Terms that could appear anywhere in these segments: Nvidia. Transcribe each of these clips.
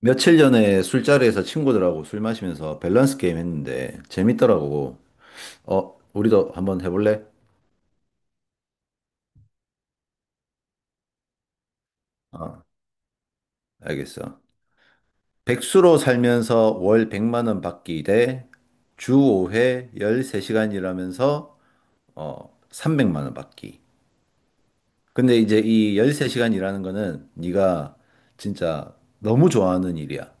며칠 전에 술자리에서 친구들하고 술 마시면서 밸런스 게임 했는데 재밌더라고. 우리도 한번 해볼래? 어, 알겠어. 백수로 살면서 월 100만 원 받기 대 주 5회 13시간 일하면서 300만 원 받기. 근데 이제 이 13시간 일하는 거는 네가 진짜 너무 좋아하는 일이야.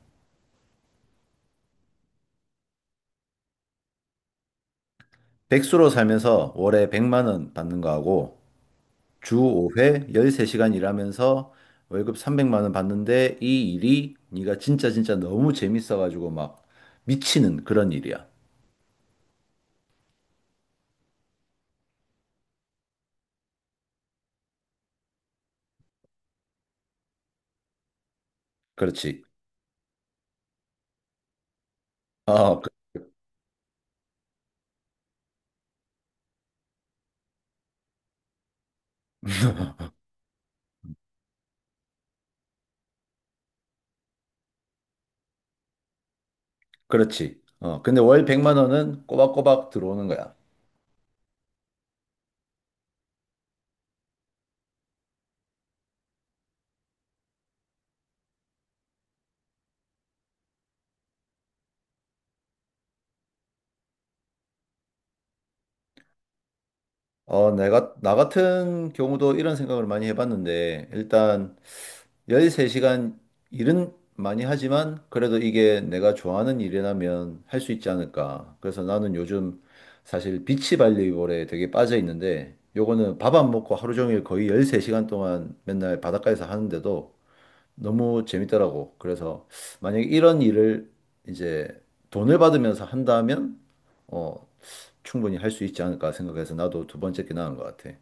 백수로 살면서 월에 100만 원 받는 거하고 주 5회 13시간 일하면서 월급 300만 원 받는데 이 일이 네가 진짜 진짜 너무 재밌어가지고 막 미치는 그런 일이야. 그렇지. 어, 그, 그렇지. 근데 월 100만 원은 꼬박꼬박 들어오는 거야. 나 같은 경우도 이런 생각을 많이 해봤는데, 일단 13시간 일은 많이 하지만 그래도 이게 내가 좋아하는 일이라면 할 수 있지 않을까. 그래서 나는 요즘 사실 비치 발리볼에 되게 빠져 있는데 요거는 밥 안 먹고 하루 종일 거의 13시간 동안 맨날 바닷가에서 하는데도 너무 재밌더라고. 그래서 만약에 이런 일을 이제 돈을 받으면서 한다면 어, 충분히 할 수 있지 않을까 생각해서 나도 두 번째 게 나은 것 같아.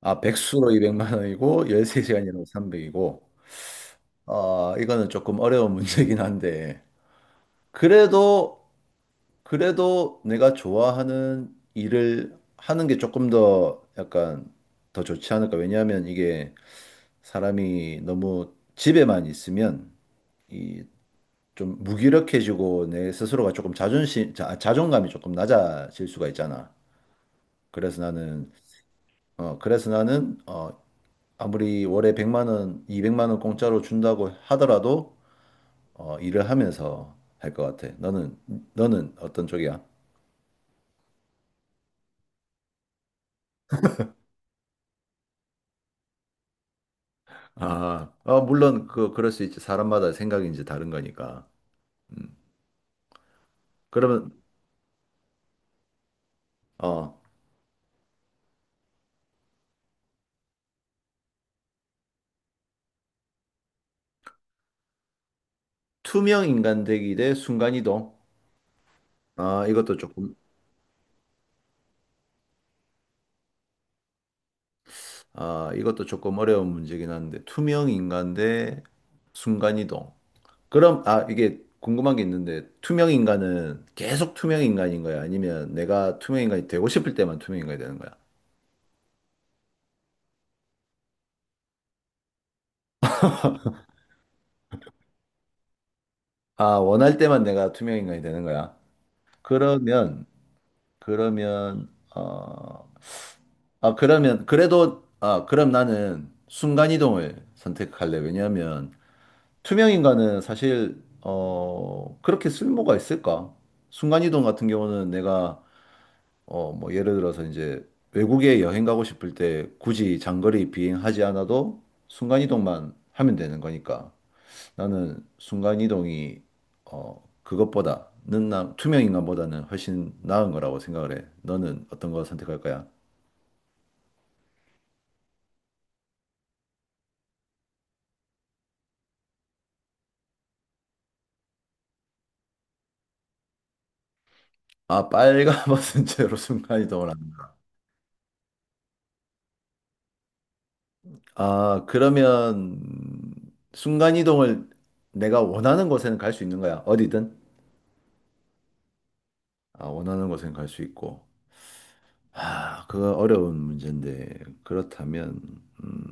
아, 백수로 200만 원이고 13시간이라고 300이고 아, 이거는 조금 어려운 문제긴 한데, 그래도, 그래도 내가 좋아하는 일을 하는 게 조금 더 약간 더 좋지 않을까. 왜냐하면 이게 사람이 너무 집에만 있으면 이 좀 무기력해지고 내 스스로가 조금 자존감이 조금 낮아질 수가 있잖아. 그래서 나는, 그래서 나는, 아무리 월에 100만 원, 200만 원 공짜로 준다고 하더라도 일을 하면서 할 것 같아. 너는 어떤 쪽이야? 아, 물론 그럴 수 있지. 사람마다 생각이 이제 다른 거니까. 그러면 어, 투명 인간 되기 대 순간이동. 아, 이것도 조금 아, 이것도 조금 어려운 문제긴 한데 투명 인간 대 순간이동. 그럼 아, 이게 궁금한 게 있는데 투명 인간은 계속 투명 인간인 거야? 아니면 내가 투명 인간이 되고 싶을 때만 투명 인간이 되는 거야? 아, 원할 때만 내가 투명 인간이 되는 거야? 그러면 그러면 어, 아 그러면 그래도 아 그럼 나는 순간이동을 선택할래. 왜냐하면 투명 인간은 사실 그렇게 쓸모가 있을까? 순간이동 같은 경우는 내가 뭐 예를 들어서 이제 외국에 여행 가고 싶을 때 굳이 장거리 비행하지 않아도 순간이동만 하면 되는 거니까 나는 순간이동이 그것보다는 나 투명 인간보다는 훨씬 나은 거라고 생각을 해. 너는 어떤 거 선택할 거야? 아, 빨가벗은 채로 순간이동을 한다. 아, 그러면 순간이동을 내가 원하는 곳에는 갈 수 있는 거야. 어디든. 아, 원하는 곳에는 갈 수 있고. 아, 그거 어려운 문제인데. 음,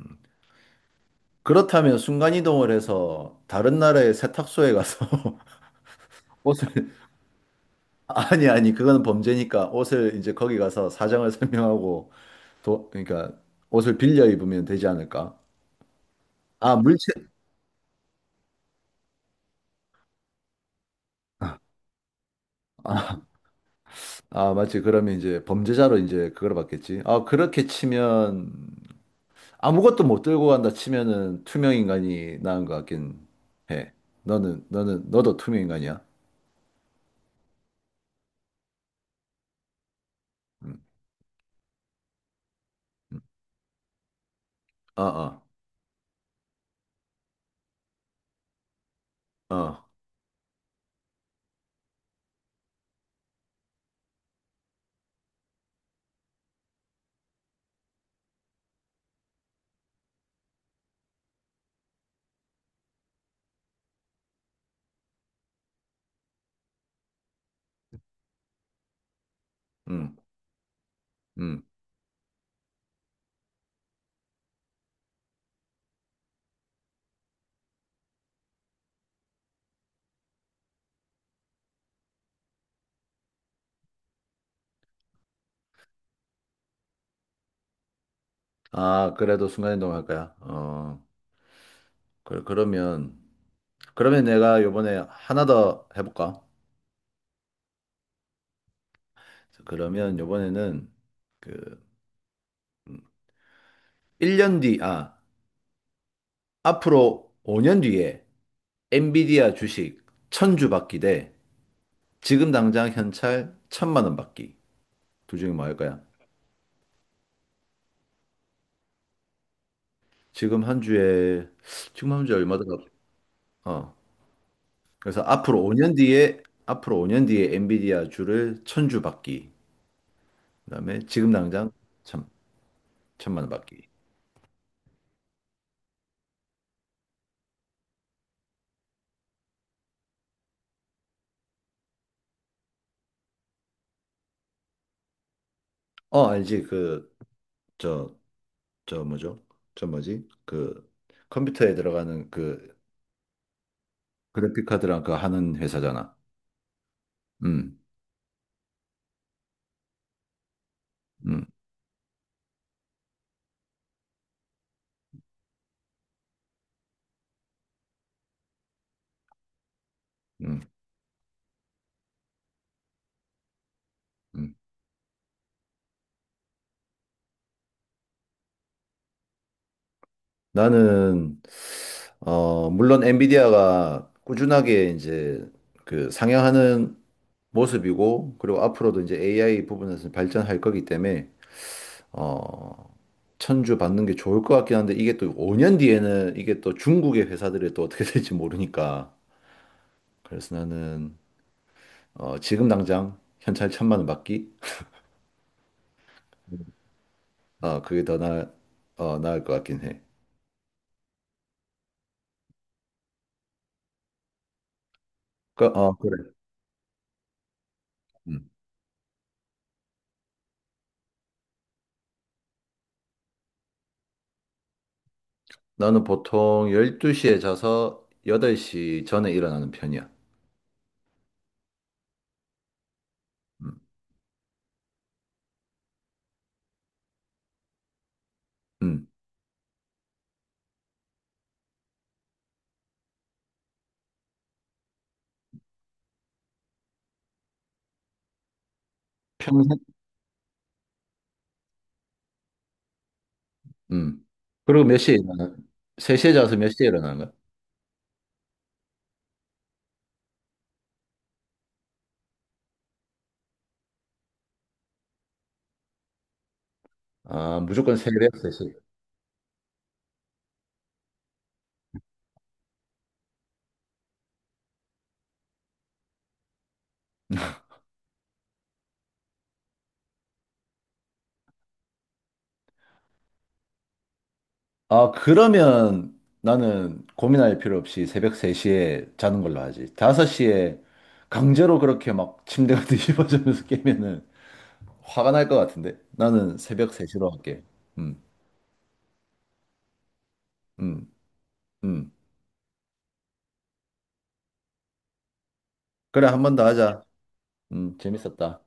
그렇다면 순간이동을 해서 다른 나라의 세탁소에 가서 옷을, 아니, 아니, 그건 범죄니까 옷을 이제 거기 가서 사정을 설명하고, 그러니까 옷을 빌려 입으면 되지 않을까? 아, 물체, 아, 아, 맞지. 그러면 이제 범죄자로 이제 그걸 받겠지. 아, 그렇게 치면 아무것도 못 들고 간다 치면은 투명 인간이 나은 것 같긴 해. 너는 너는 너도 투명 인간이야. 음. 음. 어, 어. 어. 음. 음. 아, 그래도 순간 이동할 거야. 어. 그, 그러면 그러면 내가 요번에 하나 더 해볼까? 자, 그러면 요번에는 그 1년 뒤, 아, 앞으로 5년 뒤에 엔비디아 주식 천주 받기 대 지금 당장 현찰 천만 원 받기. 둘 중에 뭐 할 거야? 지금 한 주에 지금 한 주에 얼마 더라 어. 그래서 앞으로 5년 뒤에 엔비디아 주를 천주 받기. 그다음에 지금 당장 천 천만 원 받기. 어, 알지? 그 저 저 뭐죠? 저 뭐지? 그 컴퓨터에 들어가는 그래픽 카드랑 하는 회사잖아. 음. 음. 음. 음. 나는 물론 엔비디아가 꾸준하게 이제 그 상향하는 모습이고, 그리고 앞으로도 이제 AI 부분에서 발전할 거기 때문에, 어, 천주 받는 게 좋을 것 같긴 한데, 이게 또 5년 뒤에는 이게 또 중국의 회사들이 또 어떻게 될지 모르니까. 그래서 나는, 지금 당장 현찰 천만 원 받기? 그게 더 나을 것 같긴 해. 그래. 음. 나는 보통 12시에 자서 8시 전에 일어나는 편이야. 음. 음. 평생, 음. 그리고 몇 시에 일어나? 3시에 자서 몇 시에 일어나는 거야? 아, 무조건 새벽 3시. 아, 그러면 나는 고민할 필요 없이 새벽 3시에 자는 걸로 하지. 5시에 강제로 그렇게 막 침대가 뒤집어지면서 깨면은 화가 날 것 같은데? 나는 새벽 3시로 할게. 음, 음, 음. 그래, 한 번 더 하자. 재밌었다.